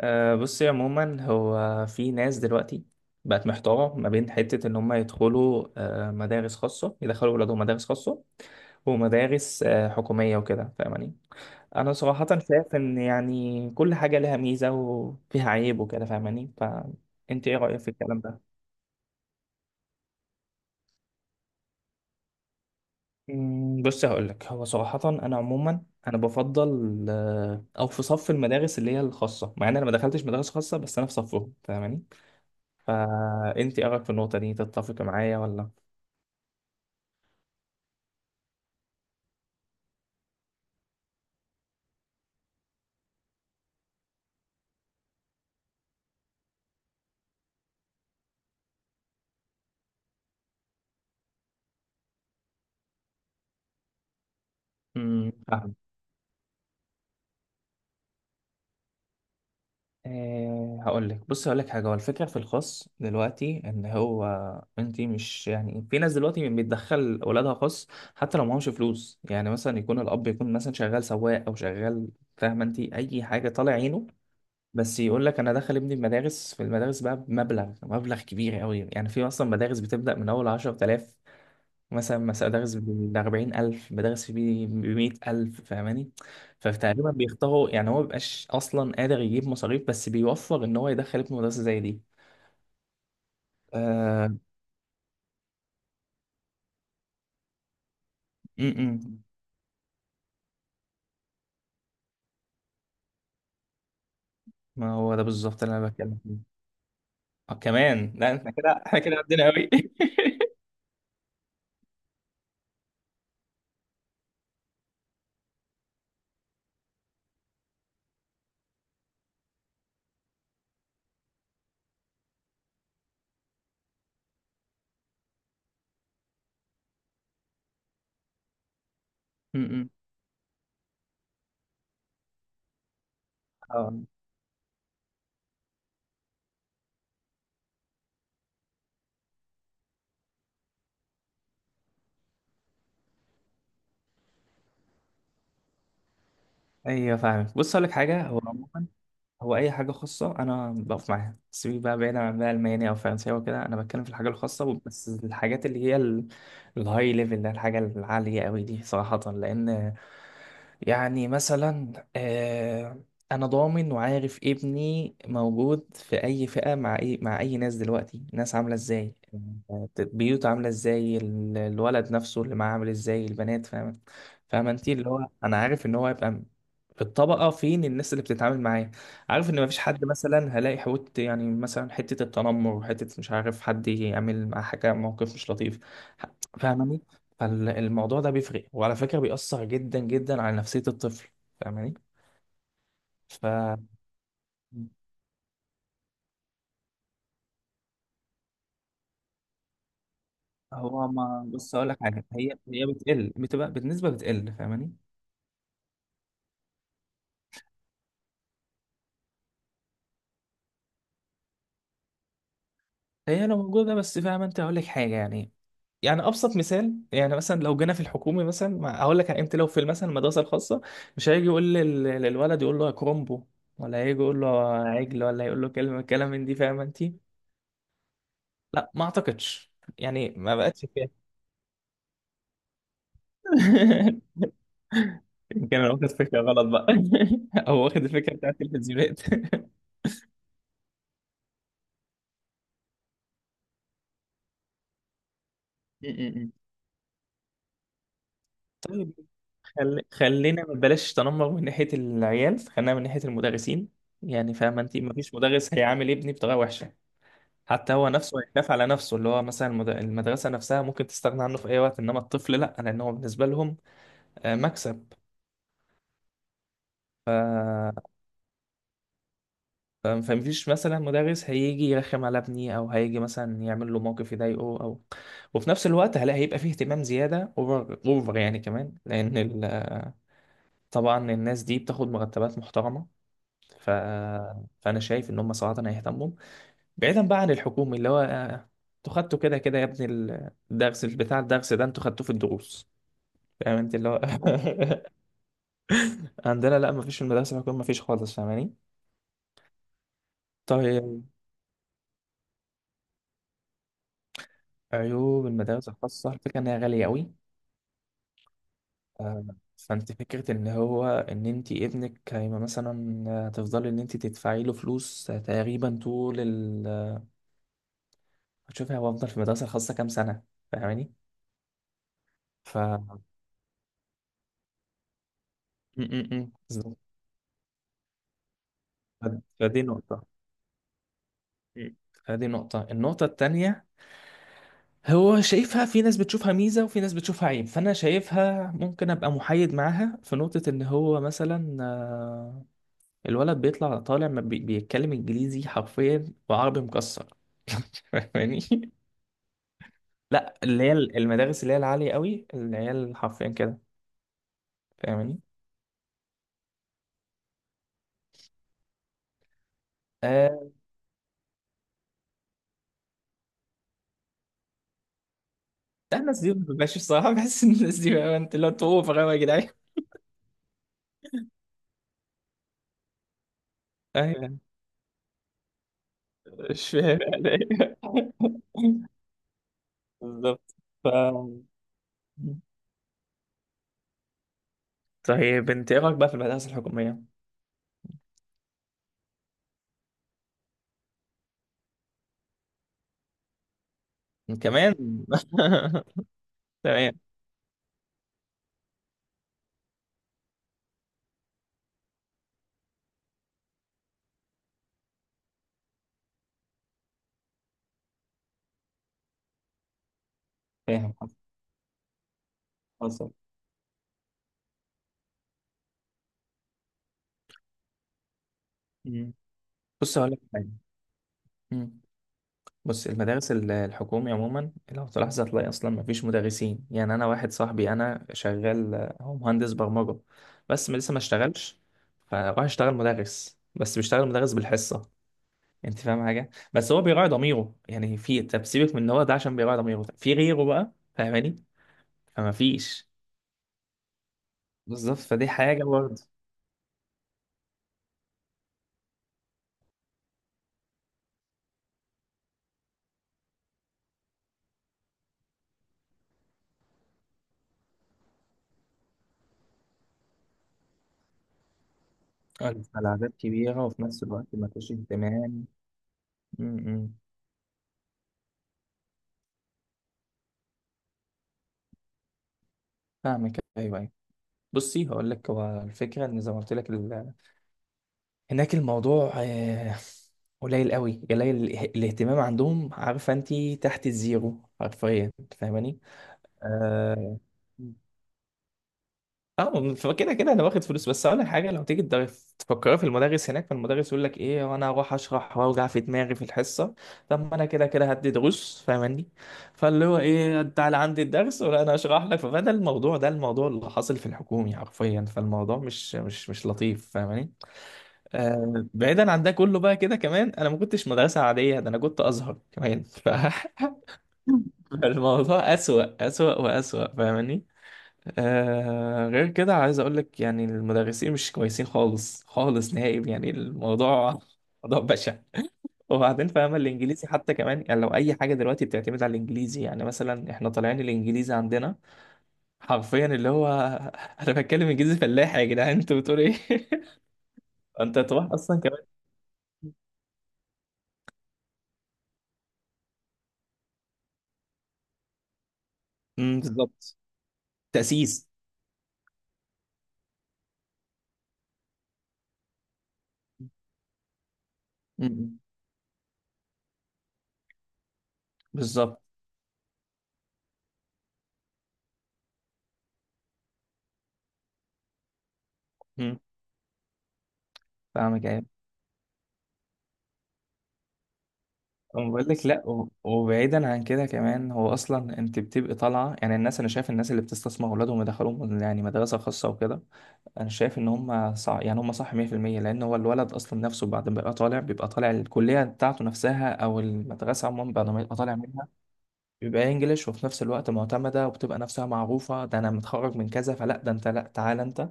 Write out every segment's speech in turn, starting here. بصي، عموما هو في ناس دلوقتي بقت محتارة ما بين حتة إن هم يدخلوا مدارس خاصة، يدخلوا ولادهم مدارس خاصة ومدارس حكومية وكده، فاهماني؟ أنا صراحة شايف إن يعني كل حاجة لها ميزة وفيها عيب وكده، فاهماني؟ فأنت إيه رأيك في الكلام ده؟ بص هقولك، هو صراحة أنا عموما بفضل أو في صف المدارس اللي هي الخاصة، مع إن أنا ما دخلتش مدارس خاصة، بس أنا في صفهم، فاهماني؟ فانت ايه رايك في النقطه دي، تتفق معايا ولا؟ فاهم. أه هقول لك، بص هقول لك حاجه. هو الفكره في الخاص دلوقتي ان هو انت، مش يعني في ناس دلوقتي بتدخل اولادها خاص حتى لو معهمش فلوس؟ يعني مثلا يكون الاب يكون مثلا شغال سواق او شغال، فاهمه انت، اي حاجه طالع عينه، بس يقول لك انا داخل ابني المدارس، في المدارس بقى بمبلغ كبير قوي. يعني في اصلا مدارس بتبدا من اول 10,000، مثلا بدرس بأربعين ألف، بدرس بيه بمية ألف، فاهماني؟ فتقريبا بيختاروا، يعني هو مبيبقاش أصلا قادر يجيب مصاريف، بس بيوفر إن هو يدخل ابنه مدرسة زي دي. آه. م -م. ما هو ده بالظبط اللي أنا بتكلم فيه. آه كمان، لا احنا كده عدينا أوي. م- م. اه ايوه، فاهمك. بص اقول لك حاجه، هو عموما هو اي حاجه خاصه انا بقف معاها. سيبك بقى بعيدا عن بقى الماني او فرنساوي وكده، انا بتكلم في الحاجه الخاصه بس. الحاجات اللي هي الهاي ليفل ده، الحاجه العاليه قوي دي، صراحه لان يعني مثلا انا ضامن وعارف ابني موجود في اي فئة، مع اي ناس. دلوقتي الناس عاملة ازاي، بيوت عاملة ازاي، الولد نفسه اللي معاه عامل ازاي، البنات، فاهم؟ فاهم انت اللي هو انا عارف ان هو هيبقى في الطبقة، فين الناس اللي بتتعامل معاه، عارف ان مفيش حد مثلا هلاقي حوت. يعني مثلا حتة التنمر، حتة مش عارف حد يعمل مع حاجة موقف مش لطيف، فاهماني؟ فالموضوع ده بيفرق، وعلى فكرة بيأثر جدا جدا على نفسية الطفل، فاهماني؟ ف هو ما، بص اقول لك حاجه، هي بتقل، بتبقى بالنسبه بتقل، فاهماني؟ هي لو موجوده بس، فاهمه انت، هقول لك حاجه يعني. يعني ابسط مثال، يعني مثلا لو جينا في الحكومي، مثلا هقول لك انت لو في مثلا المدرسه الخاصه، مش هيجي يقول للولد يقول له يا كرومبو، ولا هيجي يقول له يا عجل، ولا يقول له كلمه كلام من دي، فاهمه انت؟ لا ما اعتقدش، يعني ما بقتش كده. يمكن انا واخد فكره غلط بقى. او واخد الفكره بتاعت التلفزيونات. م-م-م. خلينا ما بلاش تنمر من ناحيه العيال، خلينا من ناحيه المدرسين. يعني فاهمه انت، ما فيش مدرس هيعامل ابني بطريقه وحشه، حتى هو نفسه هيخاف على نفسه. اللي هو مثلا المدرسه نفسها ممكن تستغنى عنه في اي وقت، انما الطفل لا، لان هو بالنسبه لهم مكسب، فاهم؟ فمفيش مثلا مدرس هيجي يرخم على ابني، او هيجي مثلا يعمل له موقف يضايقه او. وفي نفس الوقت هلا هيبقى فيه اهتمام زياده، اوفر اوفر يعني، كمان لان طبعا الناس دي بتاخد مرتبات محترمه، ف... فانا شايف ان هم صراحه هيهتموا. بعيدا بقى عن الحكومي اللي هو انتوا خدتوا كده كده يا ابني، الدرس ده انتوا خدتوه في الدروس، فاهم انت اللي هو؟ عندنا لا، مفيش، في المدرسه الحكوميه مفيش خالص، فاهماني؟ طيب، عيوب المدارس الخاصة الفكرة إنها غالية أوي. آه، فانت فكرة ان هو ان انت ابنك هيبقى مثلا تفضلي ان انت تدفعي له فلوس تقريبا طول هتشوفي هو افضل في المدرسة الخاصة كام سنة، فاهماني؟ ف م- م- م، بالظبط. ف- فدي نقطة. م. فدي نقطة. النقطة التانية، هو شايفها، في ناس بتشوفها ميزة وفي ناس بتشوفها عيب، فأنا شايفها ممكن أبقى محايد معاها. في نقطة إن هو مثلا الولد بيطلع، طالع ما بيتكلم إنجليزي حرفيا وعربي مكسر. فاهماني؟ لا، اللي هي المدارس اللي هي العالية قوي، اللي هي حرفيا كده، فاهماني؟ آه. ده الناس دي ما بتبقاش الصراحة. بحس ان الناس دي، بقى انت اللي هو، انتوا اوفر قوي يا جدعان. ايوه، مش فاهم يعني. إيه. بالظبط. ف طيب انت ايه رايك بقى في المدارس الحكومية؟ كمان. تمام. فاهم. حصل. حصل. مم. بص هقول لك حاجة. مم. بص، المدارس الحكومي عموما لو تلاحظ هتلاقي اصلا مفيش مدرسين. يعني انا واحد صاحبي انا شغال، هو مهندس برمجه، بس لسه ما اشتغلش، فراح اشتغل مدرس، بس بيشتغل مدرس بالحصه. انت فاهم حاجه؟ بس هو بيراعي ضميره، يعني في، طب سيبك من ان هو ده، عشان بيراعي ضميره، في غيره بقى فاهماني؟ فما فيش، بالظبط، فدي حاجه برضه. العدد كبيره وفي نفس الوقت ما فيش اهتمام. م- م. فاهمك، ايوه ايوه. بصي هقول لك، هو الفكره ان زي ما قلت لك، هناك الموضوع قليل قوي، قليل الاهتمام عندهم، عارفه انت، تحت الزيرو حرفيا، فاهماني؟ اه. فكده كده انا واخد فلوس، بس اقول لك حاجه، لو تيجي تفكري في المدرس هناك، فالمدرس يقول لك ايه وانا هروح اشرح واوجع في دماغي في الحصه؟ طب ما انا كده كده هدي دروس، فاهماني؟ فاللي هو ايه، تعالى عندي الدرس ولا انا اشرح لك. فده الموضوع، ده الموضوع اللي حاصل في الحكومي حرفيا، فالموضوع مش لطيف، فاهماني؟ بعيدا عن ده كله بقى كده كمان، انا ما كنتش مدرسه عاديه، ده انا كنت ازهر كمان، فالموضوع اسوأ، واسوأ، فاهماني؟ آه، غير كده عايز اقول لك، يعني المدرسين مش كويسين خالص، نهائي، يعني الموضوع موضوع بشع. وبعدين فاهمة، الإنجليزي حتى كمان، يعني لو أي حاجة دلوقتي بتعتمد على الإنجليزي، يعني مثلا إحنا طالعين الإنجليزي عندنا حرفيا اللي هو أنا بتكلم إنجليزي فلاحي يا جدعان، أنتوا بتقولوا إيه؟ أنت تروح أصلا كمان. بالظبط، تأسيس. مم. بالظبط. مم. فاهمك، ايوه. أنا بقول لك لا، وبعيدا عن كده كمان، هو اصلا انت بتبقي طالعه، يعني الناس، انا شايف الناس اللي بتستثمر اولادهم يدخلوهم يعني مدرسه خاصه وكده، انا شايف ان هم صح، يعني هم صح 100%، لان هو الولد اصلا نفسه بعد ما بيبقى طالع، بيبقى طالع الكليه بتاعته نفسها او المدرسه عموما، بعد ما يبقى طالع منها بيبقى انجليش، وفي نفس الوقت معتمده وبتبقى نفسها معروفه، ده انا متخرج من كذا، فلا ده انت، لا تعالى انت،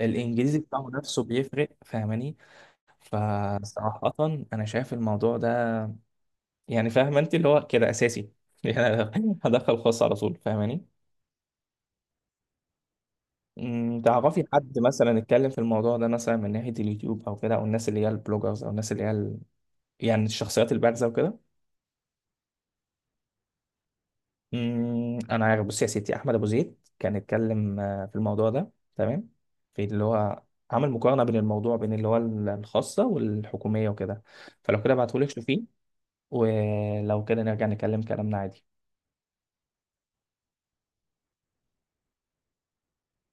الانجليزي بتاعه نفسه بيفرق، فاهماني؟ فصراحة أنا شايف الموضوع ده، يعني فاهم أنت اللي هو كده أساسي، يعني أنا هدخل خاص على طول، فاهماني؟ تعرفي حد مثلا اتكلم في الموضوع ده، مثلا من ناحية اليوتيوب أو كده، أو الناس اللي هي البلوجرز، أو الناس اللي هي يعني الشخصيات البارزة وكده؟ أنا عارف، بصي يا ستي، أحمد أبو زيد كان اتكلم في الموضوع ده، تمام؟ في اللي هو عمل مقارنة بين الموضوع، بين اللي هو الخاصة والحكومية وكده. فلو كده ابعتهولك شوفيه، ولو كده نرجع نكلم كلامنا عادي.